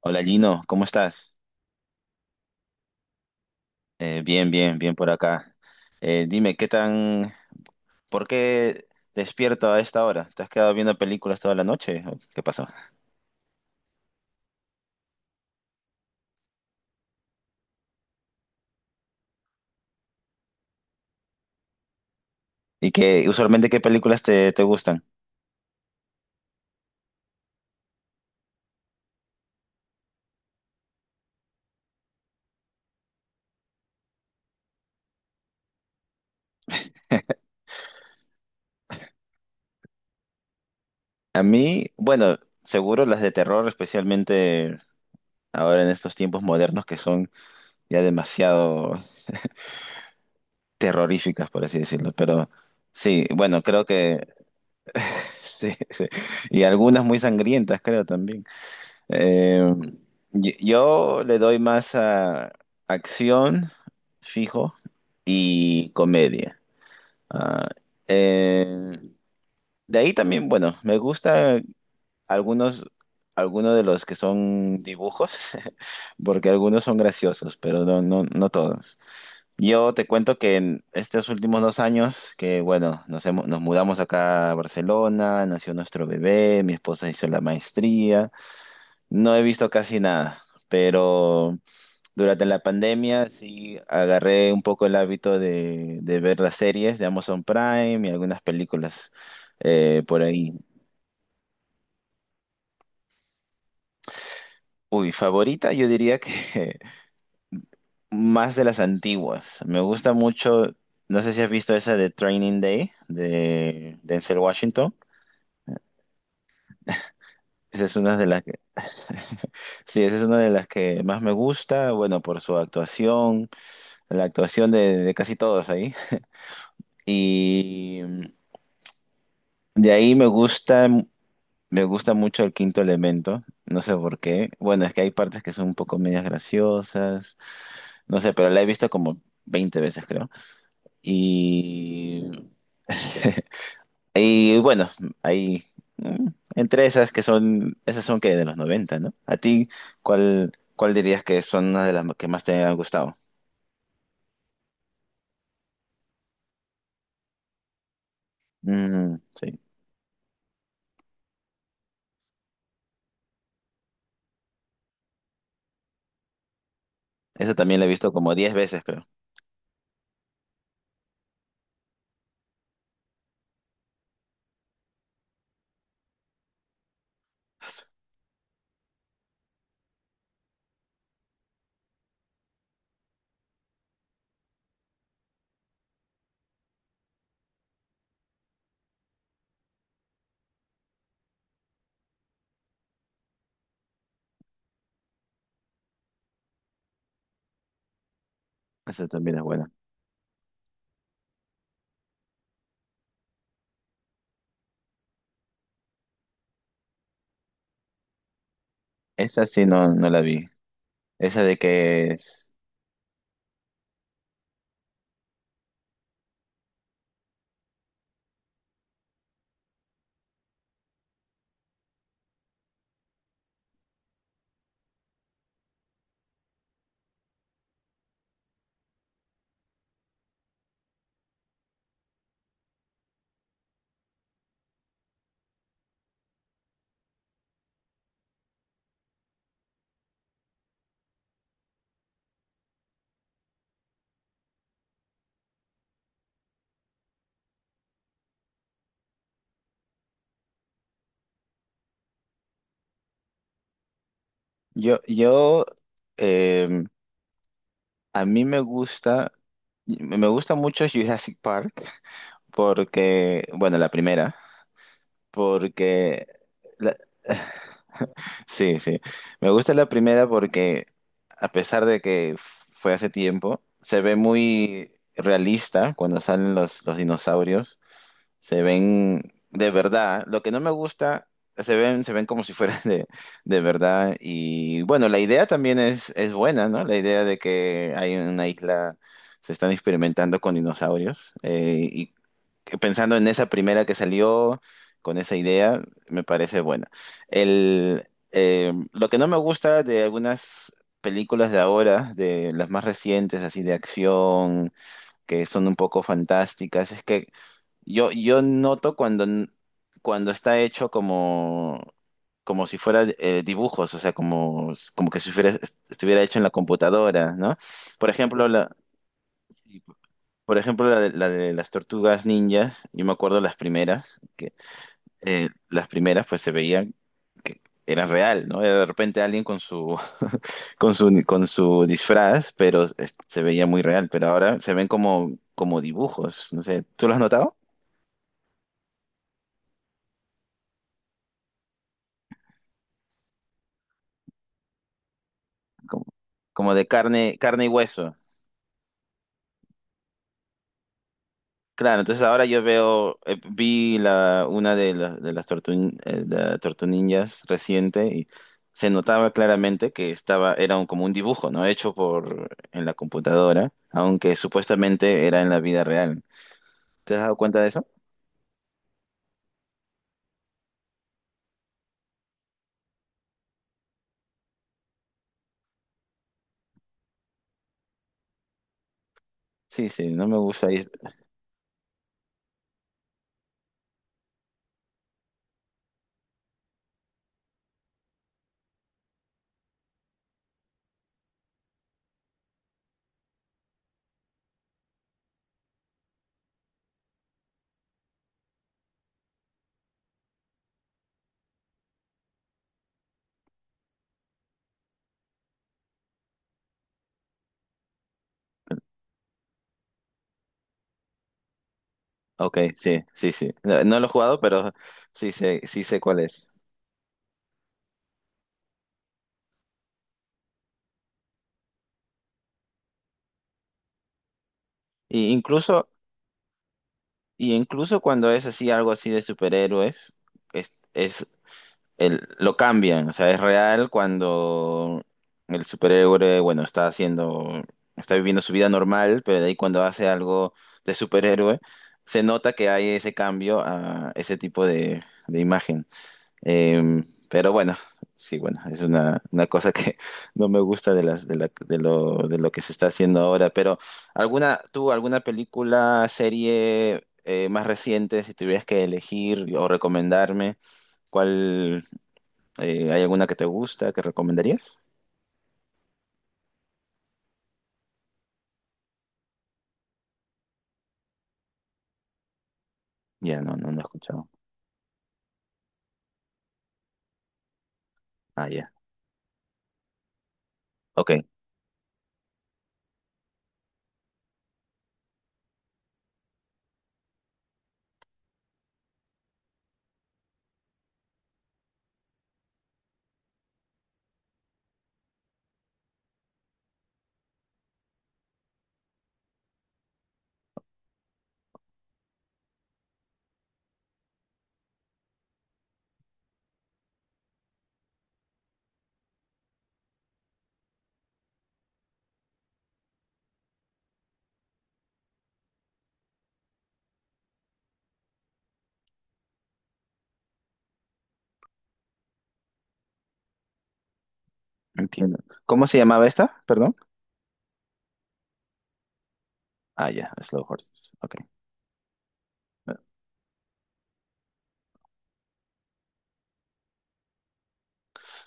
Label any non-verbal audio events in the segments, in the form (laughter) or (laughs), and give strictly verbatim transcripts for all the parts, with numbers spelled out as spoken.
Hola Gino, ¿cómo estás? Eh, bien, bien, bien por acá. Eh, dime, ¿qué tan, ¿por qué despierto a esta hora? ¿Te has quedado viendo películas toda la noche? ¿O qué pasó? ¿Y qué, usualmente qué películas te, te gustan? A mí, bueno, seguro las de terror, especialmente ahora en estos tiempos modernos que son ya demasiado terroríficas, por así decirlo. Pero sí, bueno, creo que (laughs) sí, sí. Y algunas muy sangrientas, creo también. Eh, yo yo le doy más a acción, fijo, y comedia. Ah, eh, de ahí también, bueno, me gusta algunos, algunos de los que son dibujos, (laughs) porque algunos son graciosos, pero no, no, no todos. Yo te cuento que en estos últimos dos años, que bueno, nos hemos- nos mudamos acá a Barcelona, nació nuestro bebé, mi esposa hizo la maestría. No he visto casi nada, pero durante la pandemia sí agarré un poco el hábito de, de ver las series de Amazon Prime y algunas películas eh, por ahí. Uy, favorita, yo diría que (laughs) más de las antiguas. Me gusta mucho, no sé si has visto esa de Training Day de Denzel Washington. Esa es una de las que, (laughs) sí, esa es una de las que más me gusta, bueno, por su actuación, la actuación de de casi todos ahí. Y de ahí me gusta, me gusta mucho El Quinto Elemento, no sé por qué. Bueno, es que hay partes que son un poco medias graciosas, no sé, pero la he visto como veinte veces, creo. Y, (laughs) y bueno, hay mm, entre esas que son, esas son que de los noventa, ¿no? ¿A ti cuál, cuál dirías que son una de las que más te han gustado? Mm, sí, esa también la he visto como diez veces, creo. Esa también es buena. Esa sí no, no la vi. Esa de que es. Yo, yo, em, a mí me gusta, me gusta mucho Jurassic Park porque, bueno, la primera, porque, la- (laughs) sí, sí, me gusta la primera porque a pesar de que fue hace tiempo, se ve muy realista cuando salen los, los dinosaurios. Se ven de verdad. Lo que no me gusta, se ven, se ven como si fueran (laughs) de, de verdad. Y bueno, la idea también es, es buena, ¿no? La idea de que hay una isla, se están experimentando con dinosaurios, eh, y que pensando en esa primera que salió, con esa idea, me parece buena. El, eh, lo que no me gusta de algunas películas de ahora, de las más recientes, así de acción, que son un poco fantásticas. Es que yo, yo noto cuando, n- cuando está hecho como, como si fuera eh, dibujos, o sea, como, como que si fuera- estuviera hecho en la computadora, ¿no? Por ejemplo, la, por ejemplo, la de, la de las tortugas ninjas, yo me acuerdo las primeras, que eh, las primeras pues se veían que eran real, ¿no? Era de repente alguien con su con su, con su disfraz, pero es- se veía muy real, pero ahora se ven como, como dibujos, no sé, ¿tú lo has notado? Como, como de carne, carne y hueso. Claro, entonces ahora yo veo, eh, vi la, una de, las de las tortu, eh, de la Tortu Ninjas reciente, y se notaba claramente que estaba, era un- como un dibujo, ¿no? Hecho por, en la computadora, aunque supuestamente era en la vida real. ¿Te has dado cuenta de eso? Sí, sí, no me gusta. Ok, sí, sí, sí. No, no lo he jugado, pero sí sé, sí sé cuál es. Y incluso, y incluso cuando es así, algo así de superhéroes, es, es el, lo cambian. O sea, es real cuando el superhéroe, bueno, está haciendo, está viviendo su vida normal, pero de ahí cuando hace algo de superhéroe, se nota que hay ese cambio a ese tipo de, de imagen. Eh, pero bueno, sí, bueno, es una, una cosa que (laughs) no me gusta de las, de la- de lo, de lo que se está haciendo ahora. Pero alguna, tú, alguna película, serie eh, más reciente, si tuvieras que elegir o recomendarme, ¿cuál, eh, ¿hay alguna que te gusta, que recomendarías? Ya, no, no, no he escuchado. Ah, ya. Ok, entiendo. ¿Cómo se llamaba esta? Perdón. Ah, ya, Slow Horses. Ok. Ok.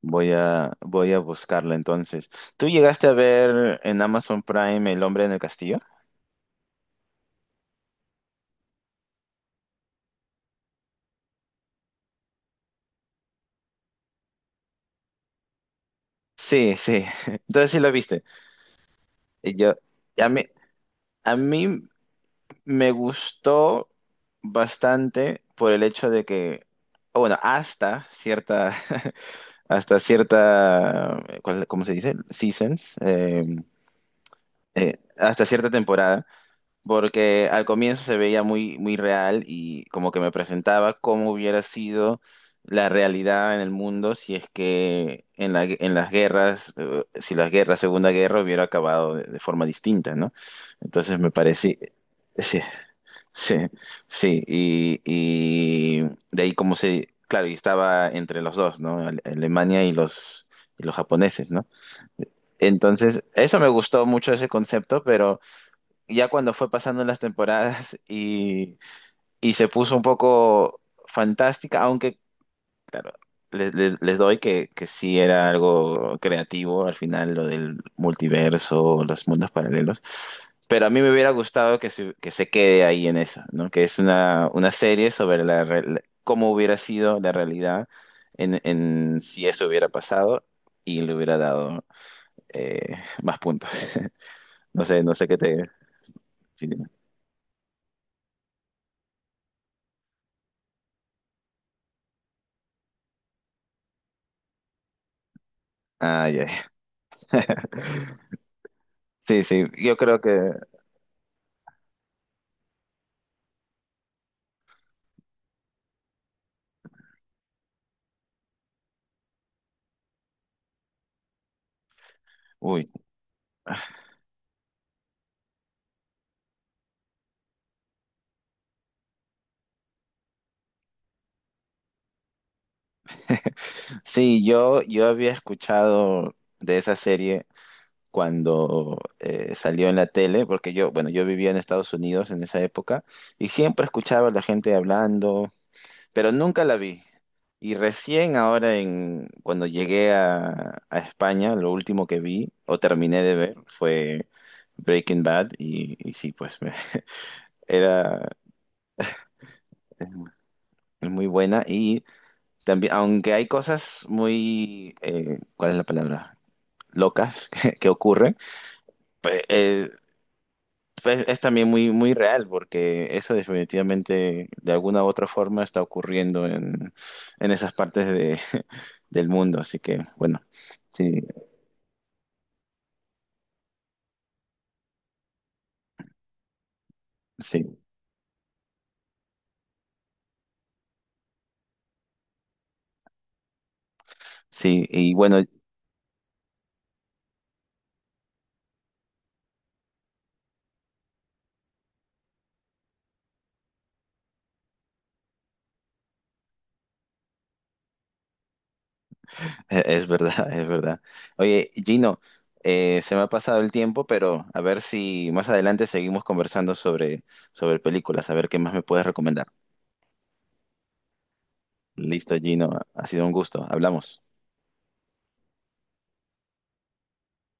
Voy a, voy a buscarla entonces. ¿Tú llegaste a ver en Amazon Prime El Hombre en el Castillo? Sí, sí. (laughs) Entonces sí lo viste. Y Yo, a mí, a mí me gustó bastante por el hecho de que, o bueno, hasta cierta, (laughs) hasta cierta, ¿cuál- ¿cómo se dice? Seasons, eh, eh, hasta cierta temporada. Porque al comienzo se veía muy, muy real y como que me presentaba cómo hubiera sido la realidad en el mundo si es que en la- en las guerras, eh, si las guerras, Segunda Guerra hubiera acabado de, de forma distinta, ¿no? Entonces me parecía, sí, sí, sí, y, y de ahí como se, claro, y estaba entre los dos, ¿no? Ale- Alemania y los, y los, japoneses, ¿no? Entonces, eso me gustó mucho ese concepto, pero ya cuando fue pasando las temporadas y, y se puso un poco fantástica, aunque le- le- les doy que, que sí era algo creativo al final, lo del multiverso, los mundos paralelos, pero a mí me hubiera gustado que se, que se quede ahí en eso, ¿no? Que es una, una serie sobre la, re- la- cómo hubiera sido la realidad en, en si eso hubiera pasado, y le hubiera dado eh, más puntos. (laughs) No sé, no sé qué te... si- Ah, ya. Sí, sí, yo creo que, uy, (laughs) sí, yo, yo había escuchado de esa serie cuando eh, salió en la tele, porque yo, bueno, yo vivía en Estados Unidos en esa época y siempre escuchaba a la gente hablando, pero nunca la vi. Y recién ahora, en, cuando llegué a, a España, lo último que vi o terminé de ver fue Breaking Bad y, y sí, pues (laughs) me- era es muy buena. Y también, aunque hay cosas muy, eh, ¿cuál es la palabra? Locas (laughs) que, que ocurren, pe- eh, pe- es también muy, muy real porque eso definitivamente de alguna u otra forma está ocurriendo en, en esas partes de, (laughs) del mundo. Así que, bueno, sí, sí, sí, y bueno, e- es verdad, (laughs) es verdad. Oye, Gino, eh, se me ha pasado el tiempo, pero a ver si más adelante seguimos conversando sobre, sobre películas, a ver qué más me puedes recomendar. Listo, Gino. Ha sido un gusto. Hablamos.